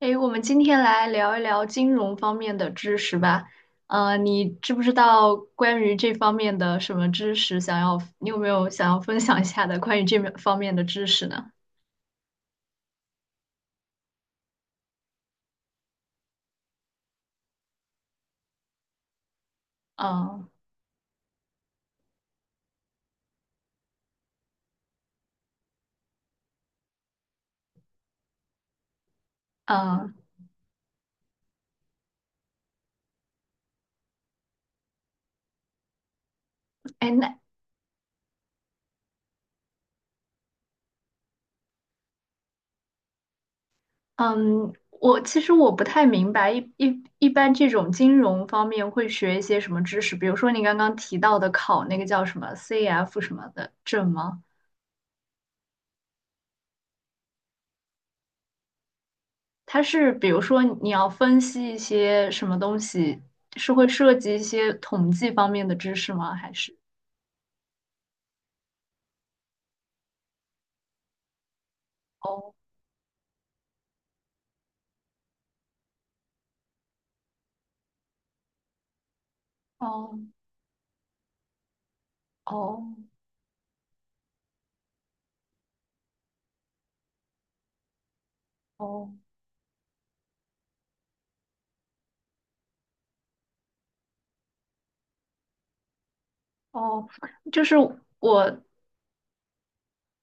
诶，我们今天来聊一聊金融方面的知识吧。嗯，你知不知道关于这方面的什么知识？你有没有想要分享一下的关于这面方面的知识呢？嗯嗯，哎，那嗯，我其实我不太明白，一般这种金融方面会学一些什么知识？比如说你刚刚提到的考那个叫什么 CF 什么的证吗？它是比如说你要分析一些什么东西，是会涉及一些统计方面的知识吗？还是？哦哦哦哦哦，就是我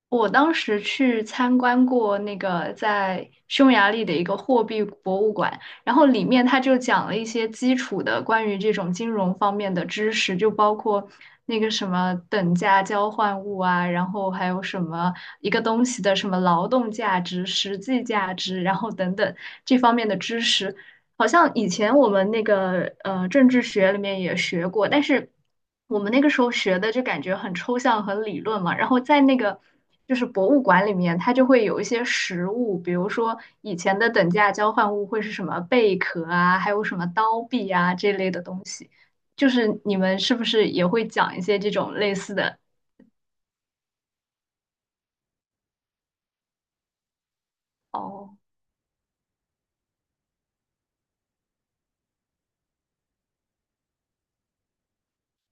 我当时去参观过那个在匈牙利的一个货币博物馆，然后里面他就讲了一些基础的关于这种金融方面的知识，就包括那个什么等价交换物啊，然后还有什么一个东西的什么劳动价值、实际价值，然后等等这方面的知识，好像以前我们那个政治学里面也学过，但是。我们那个时候学的就感觉很抽象、很理论嘛。然后在那个就是博物馆里面，它就会有一些实物，比如说以前的等价交换物会是什么贝壳啊，还有什么刀币啊这类的东西。就是你们是不是也会讲一些这种类似的？哦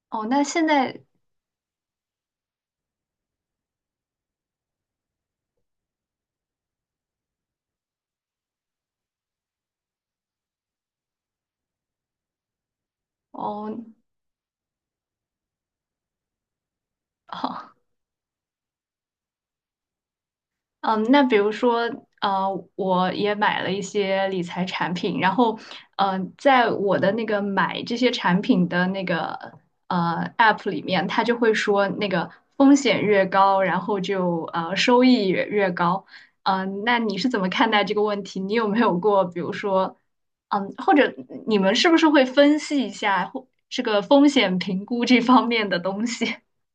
哦，那现在哦。嗯，那比如说，我也买了一些理财产品，然后，在我的那个买这些产品的那个App 里面，它就会说那个风险越高，然后就收益也越高。那你是怎么看待这个问题？你有没有过，比如说，或者你们是不是会分析一下或这个风险评估这方面的东西？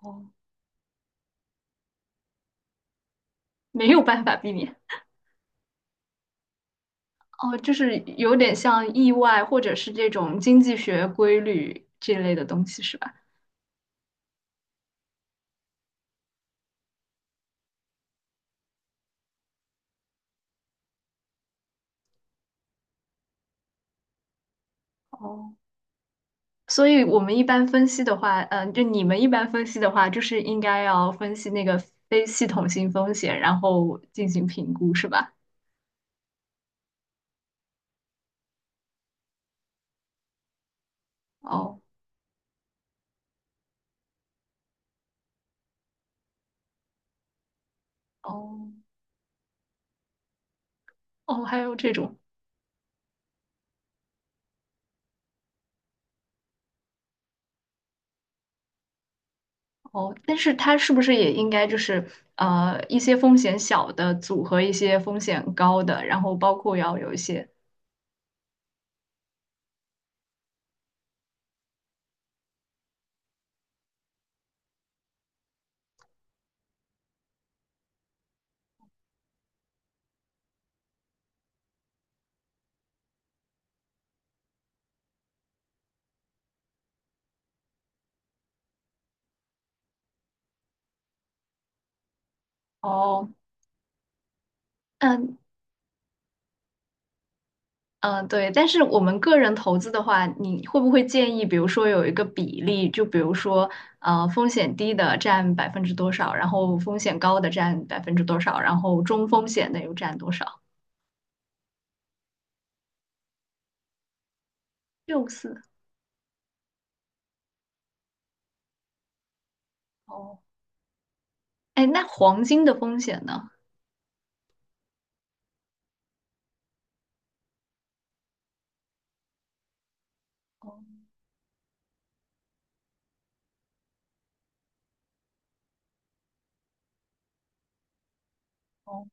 哦，没有办法避免。哦，就是有点像意外，或者是这种经济学规律这类的东西，是吧？哦，所以我们一般分析的话，就你们一般分析的话，就是应该要分析那个非系统性风险，然后进行评估，是吧？哦，哦，哦，还有这种，哦，但是它是不是也应该就是一些风险小的组合一些风险高的，然后包括要有一些，哦，嗯、嗯，对，但是我们个人投资的话，你会不会建议，比如说有一个比例，就比如说，风险低的占百分之多少，然后风险高的占百分之多少，然后中风险的又占多少？六四哦，哎，那黄金的风险呢？哦，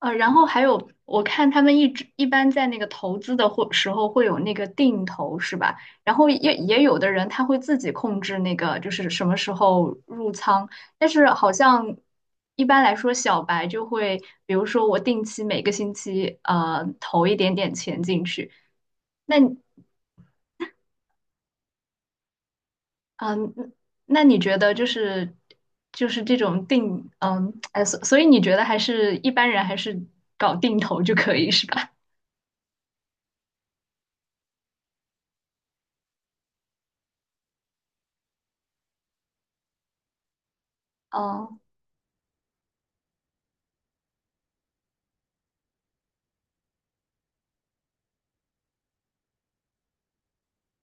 然后还有，我看他们一直一般在那个投资的或时候会有那个定投，是吧？然后也有的人他会自己控制那个，就是什么时候入仓。但是好像一般来说，小白就会，比如说我定期每个星期投一点点钱进去。那嗯、呃那你觉得就是这种哎，所以你觉得还是一般人还是搞定投就可以是吧？哦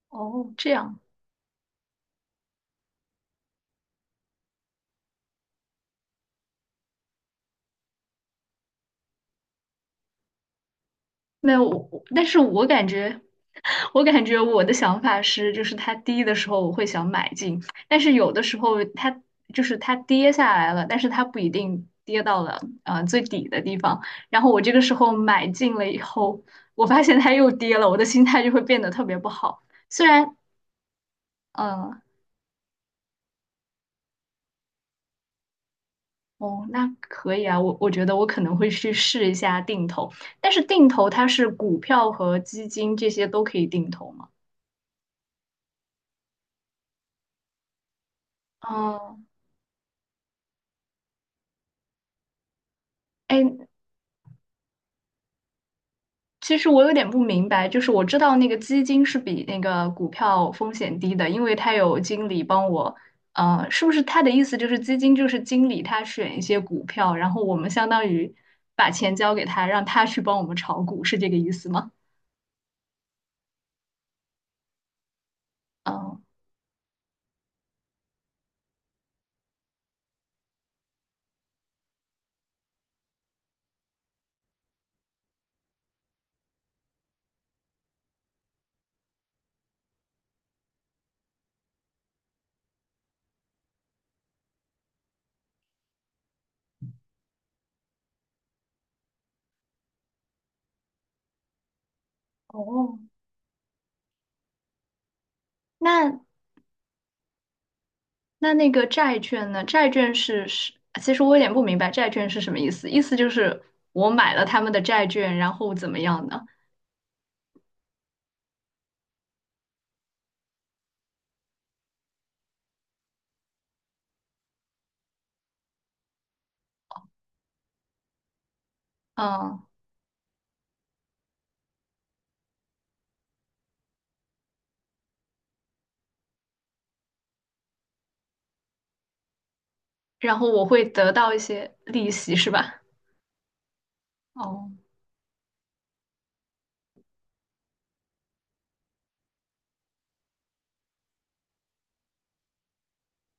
哦，这样。没有，但是我感觉，我感觉我的想法是，就是它低的时候我会想买进，但是有的时候它就是它跌下来了，但是它不一定跌到了最底的地方，然后我这个时候买进了以后，我发现它又跌了，我的心态就会变得特别不好。虽然，嗯、哦，那可以啊，我觉得我可能会去试一下定投，但是定投它是股票和基金这些都可以定投吗？哦，哎，其实我有点不明白，就是我知道那个基金是比那个股票风险低的，因为它有经理帮我，是不是他的意思就是基金就是经理他选一些股票，然后我们相当于把钱交给他，让他去帮我们炒股，是这个意思吗？嗯，哦，那那个债券呢？债券是是，其实我有点不明白债券是什么意思，意思就是我买了他们的债券，然后怎么样呢？嗯，然后我会得到一些利息，是吧？哦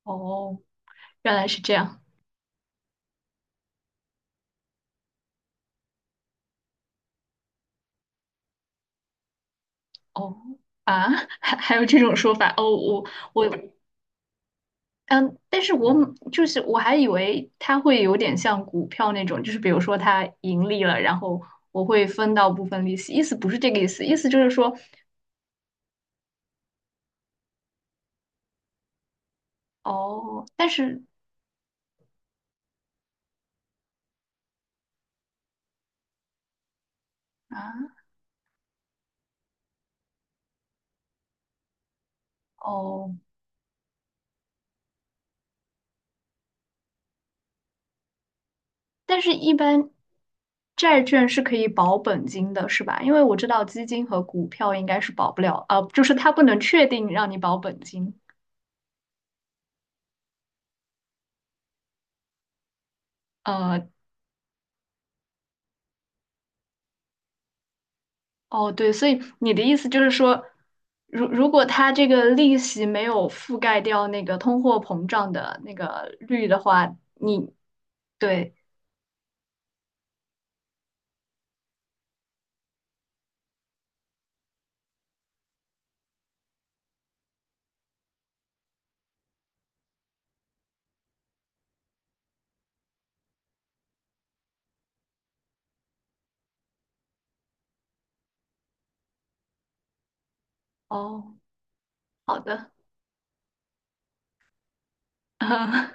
哦，原来是这样。哦啊，还有这种说法哦，我我嗯，但是我就是我还以为它会有点像股票那种，就是比如说它盈利了，然后我会分到部分利息，意思不是这个意思，意思就是说哦，啊哦，但是一般债券是可以保本金的，是吧？因为我知道基金和股票应该是保不了，就是它不能确定让你保本金。呃，哦，对，所以你的意思就是说，如果它这个利息没有覆盖掉那个通货膨胀的那个率的话，你对，哦，好的，嗯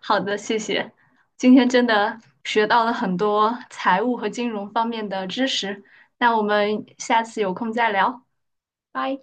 好的，谢谢，今天真的学到了很多财务和金融方面的知识，那我们下次有空再聊，拜。